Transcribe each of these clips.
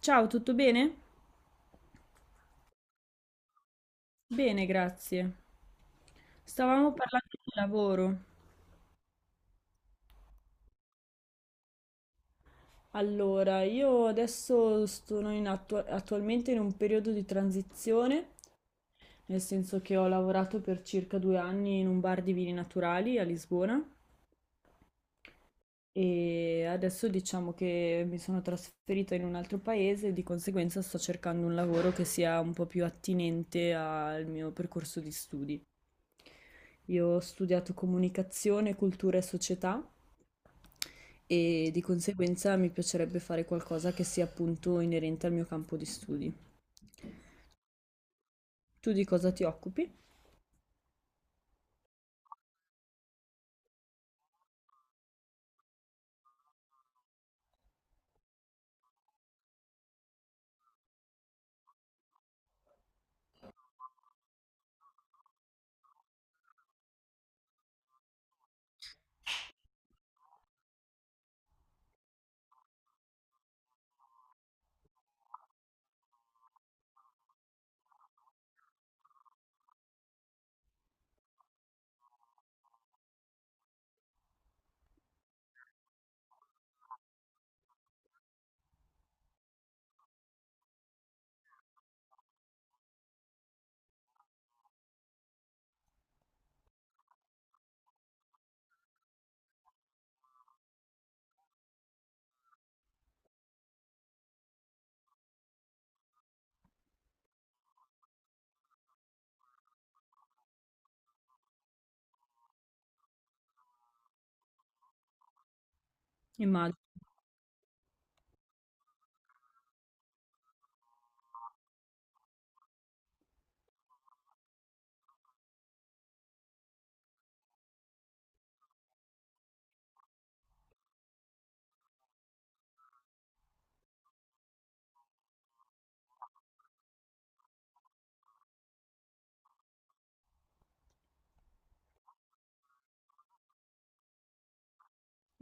Ciao, tutto bene? Bene, grazie. Stavamo parlando di lavoro. Allora, io adesso sono in attualmente in un periodo di transizione, nel senso che ho lavorato per circa 2 anni in un bar di vini naturali a Lisbona e adesso diciamo che mi sono trasferita in un altro paese e di conseguenza sto cercando un lavoro che sia un po' più attinente al mio percorso di studi. Io ho studiato comunicazione, cultura e società e di conseguenza mi piacerebbe fare qualcosa che sia appunto inerente al mio campo di studi. Tu di cosa ti occupi? Immagino.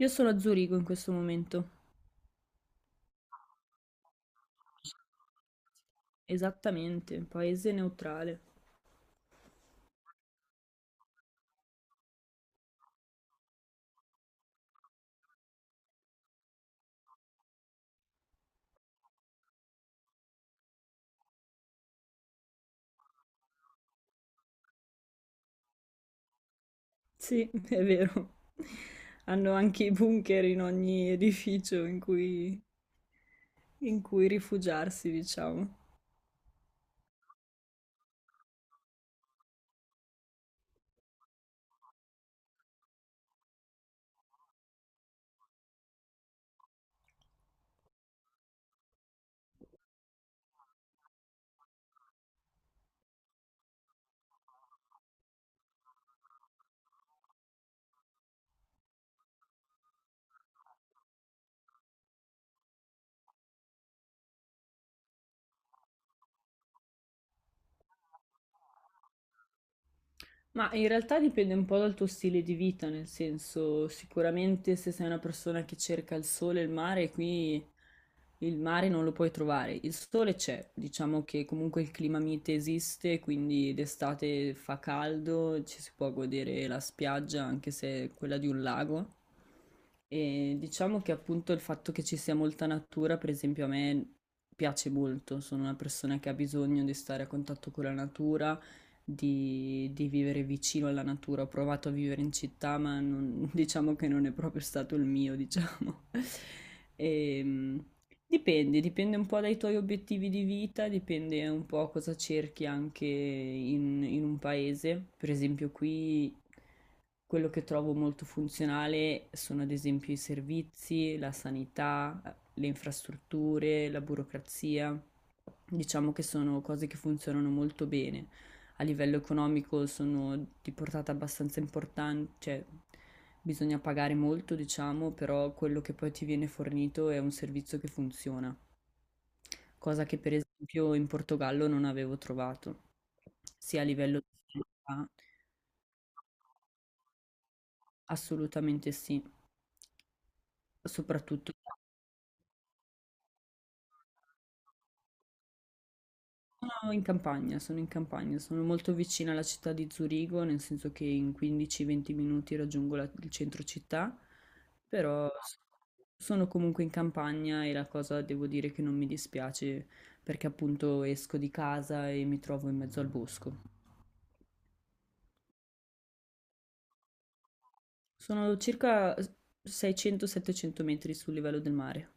Io sono a Zurigo in questo momento. Esattamente, un paese neutrale. Sì, è vero. Hanno anche i bunker in ogni edificio in cui rifugiarsi, diciamo. Ma in realtà dipende un po' dal tuo stile di vita, nel senso, sicuramente se sei una persona che cerca il sole e il mare, qui il mare non lo puoi trovare. Il sole c'è, diciamo che comunque il clima mite esiste, quindi d'estate fa caldo, ci si può godere la spiaggia, anche se è quella di un lago. E diciamo che appunto il fatto che ci sia molta natura, per esempio, a me piace molto. Sono una persona che ha bisogno di stare a contatto con la natura di vivere vicino alla natura. Ho provato a vivere in città, diciamo che non è proprio stato il mio, diciamo. Ehm, dipende un po' dai tuoi obiettivi di vita, dipende un po' cosa cerchi anche in un paese. Per esempio, qui quello che trovo molto funzionale sono ad esempio i servizi, la sanità, le infrastrutture, la burocrazia. Diciamo che sono cose che funzionano molto bene a livello economico sono di portata abbastanza importante, cioè bisogna pagare molto, diciamo, però quello che poi ti viene fornito è un servizio che funziona, cosa che per esempio in Portogallo non avevo trovato, sia a livello di sanità, assolutamente sì, soprattutto. No, in campagna, sono molto vicina alla città di Zurigo, nel senso che in 15-20 minuti raggiungo il centro città, però sono comunque in campagna e la cosa devo dire che non mi dispiace perché appunto esco di casa e mi trovo in mezzo al bosco. Sono circa 600-700 metri sul livello del mare.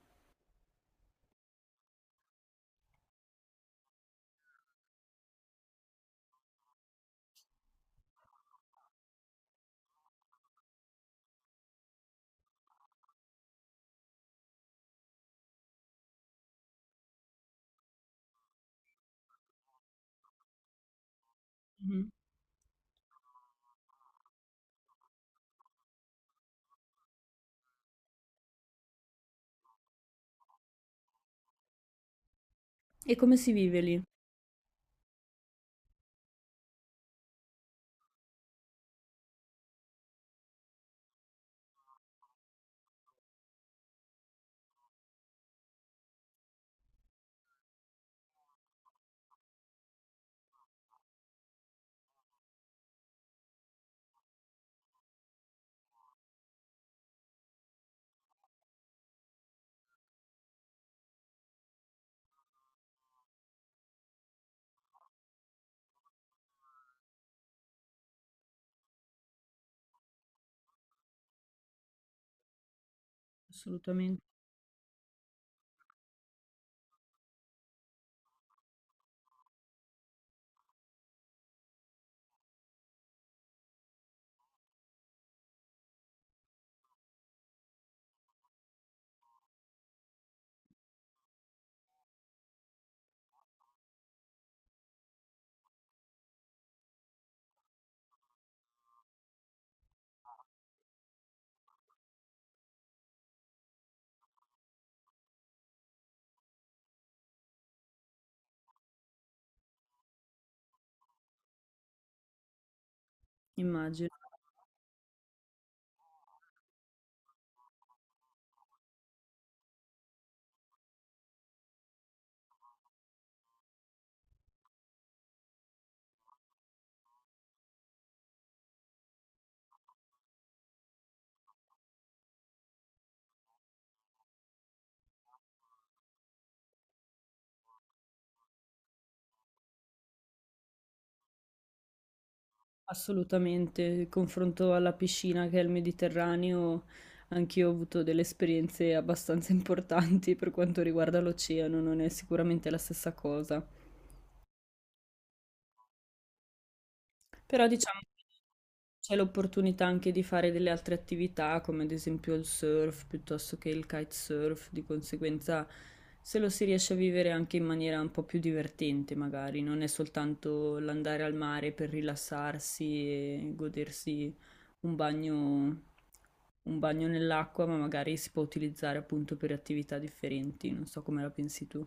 Mhm. E come si vive lì? Assolutamente, immagino. Assolutamente, il confronto alla piscina che è il Mediterraneo, anch'io ho avuto delle esperienze abbastanza importanti per quanto riguarda l'oceano, non è sicuramente la stessa cosa. Però diciamo c'è l'opportunità anche di fare delle altre attività, come ad esempio il surf piuttosto che il kitesurf, di conseguenza se lo si riesce a vivere anche in maniera un po' più divertente, magari, non è soltanto l'andare al mare per rilassarsi e godersi un bagno, un bagno nell'acqua, ma magari si può utilizzare appunto per attività differenti, non so come la pensi tu.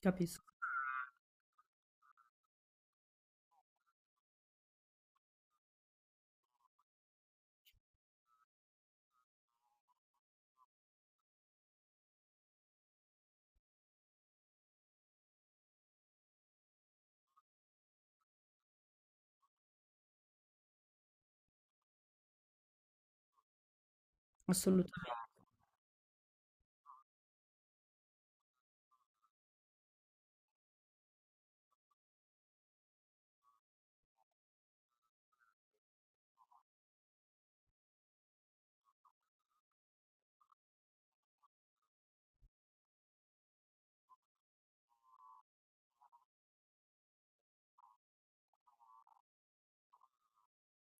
Capisco, assolutamente.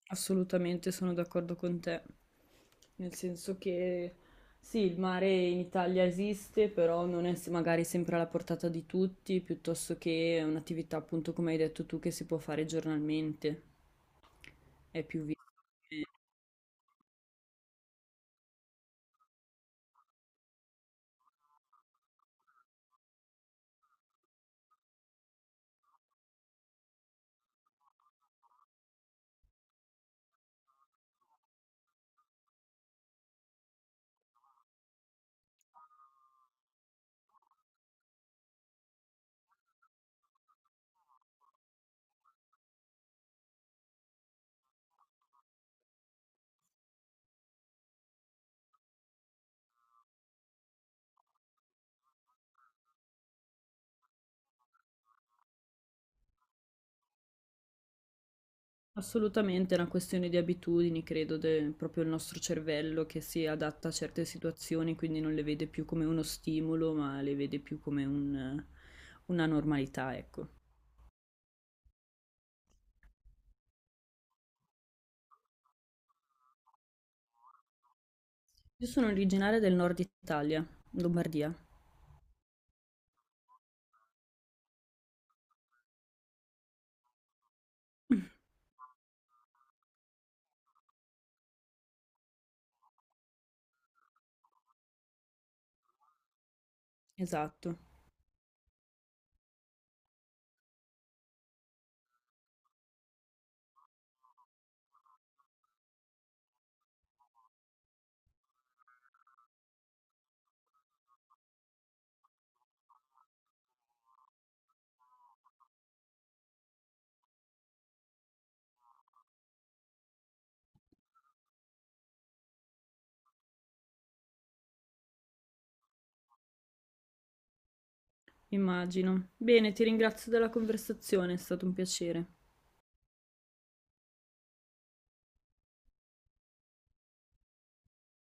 Assolutamente sono d'accordo con te, nel senso che sì, il mare in Italia esiste, però non è magari sempre alla portata di tutti, piuttosto che è un'attività appunto come hai detto tu che si può fare giornalmente, è più vista. come- Assolutamente è una questione di abitudini, credo, proprio il nostro cervello che si adatta a certe situazioni, quindi non le vede più come uno stimolo, ma le vede più come una normalità, ecco. Io sono originaria del nord Italia, Lombardia. Esatto, immagino. Bene, ti ringrazio della conversazione, è stato un piacere.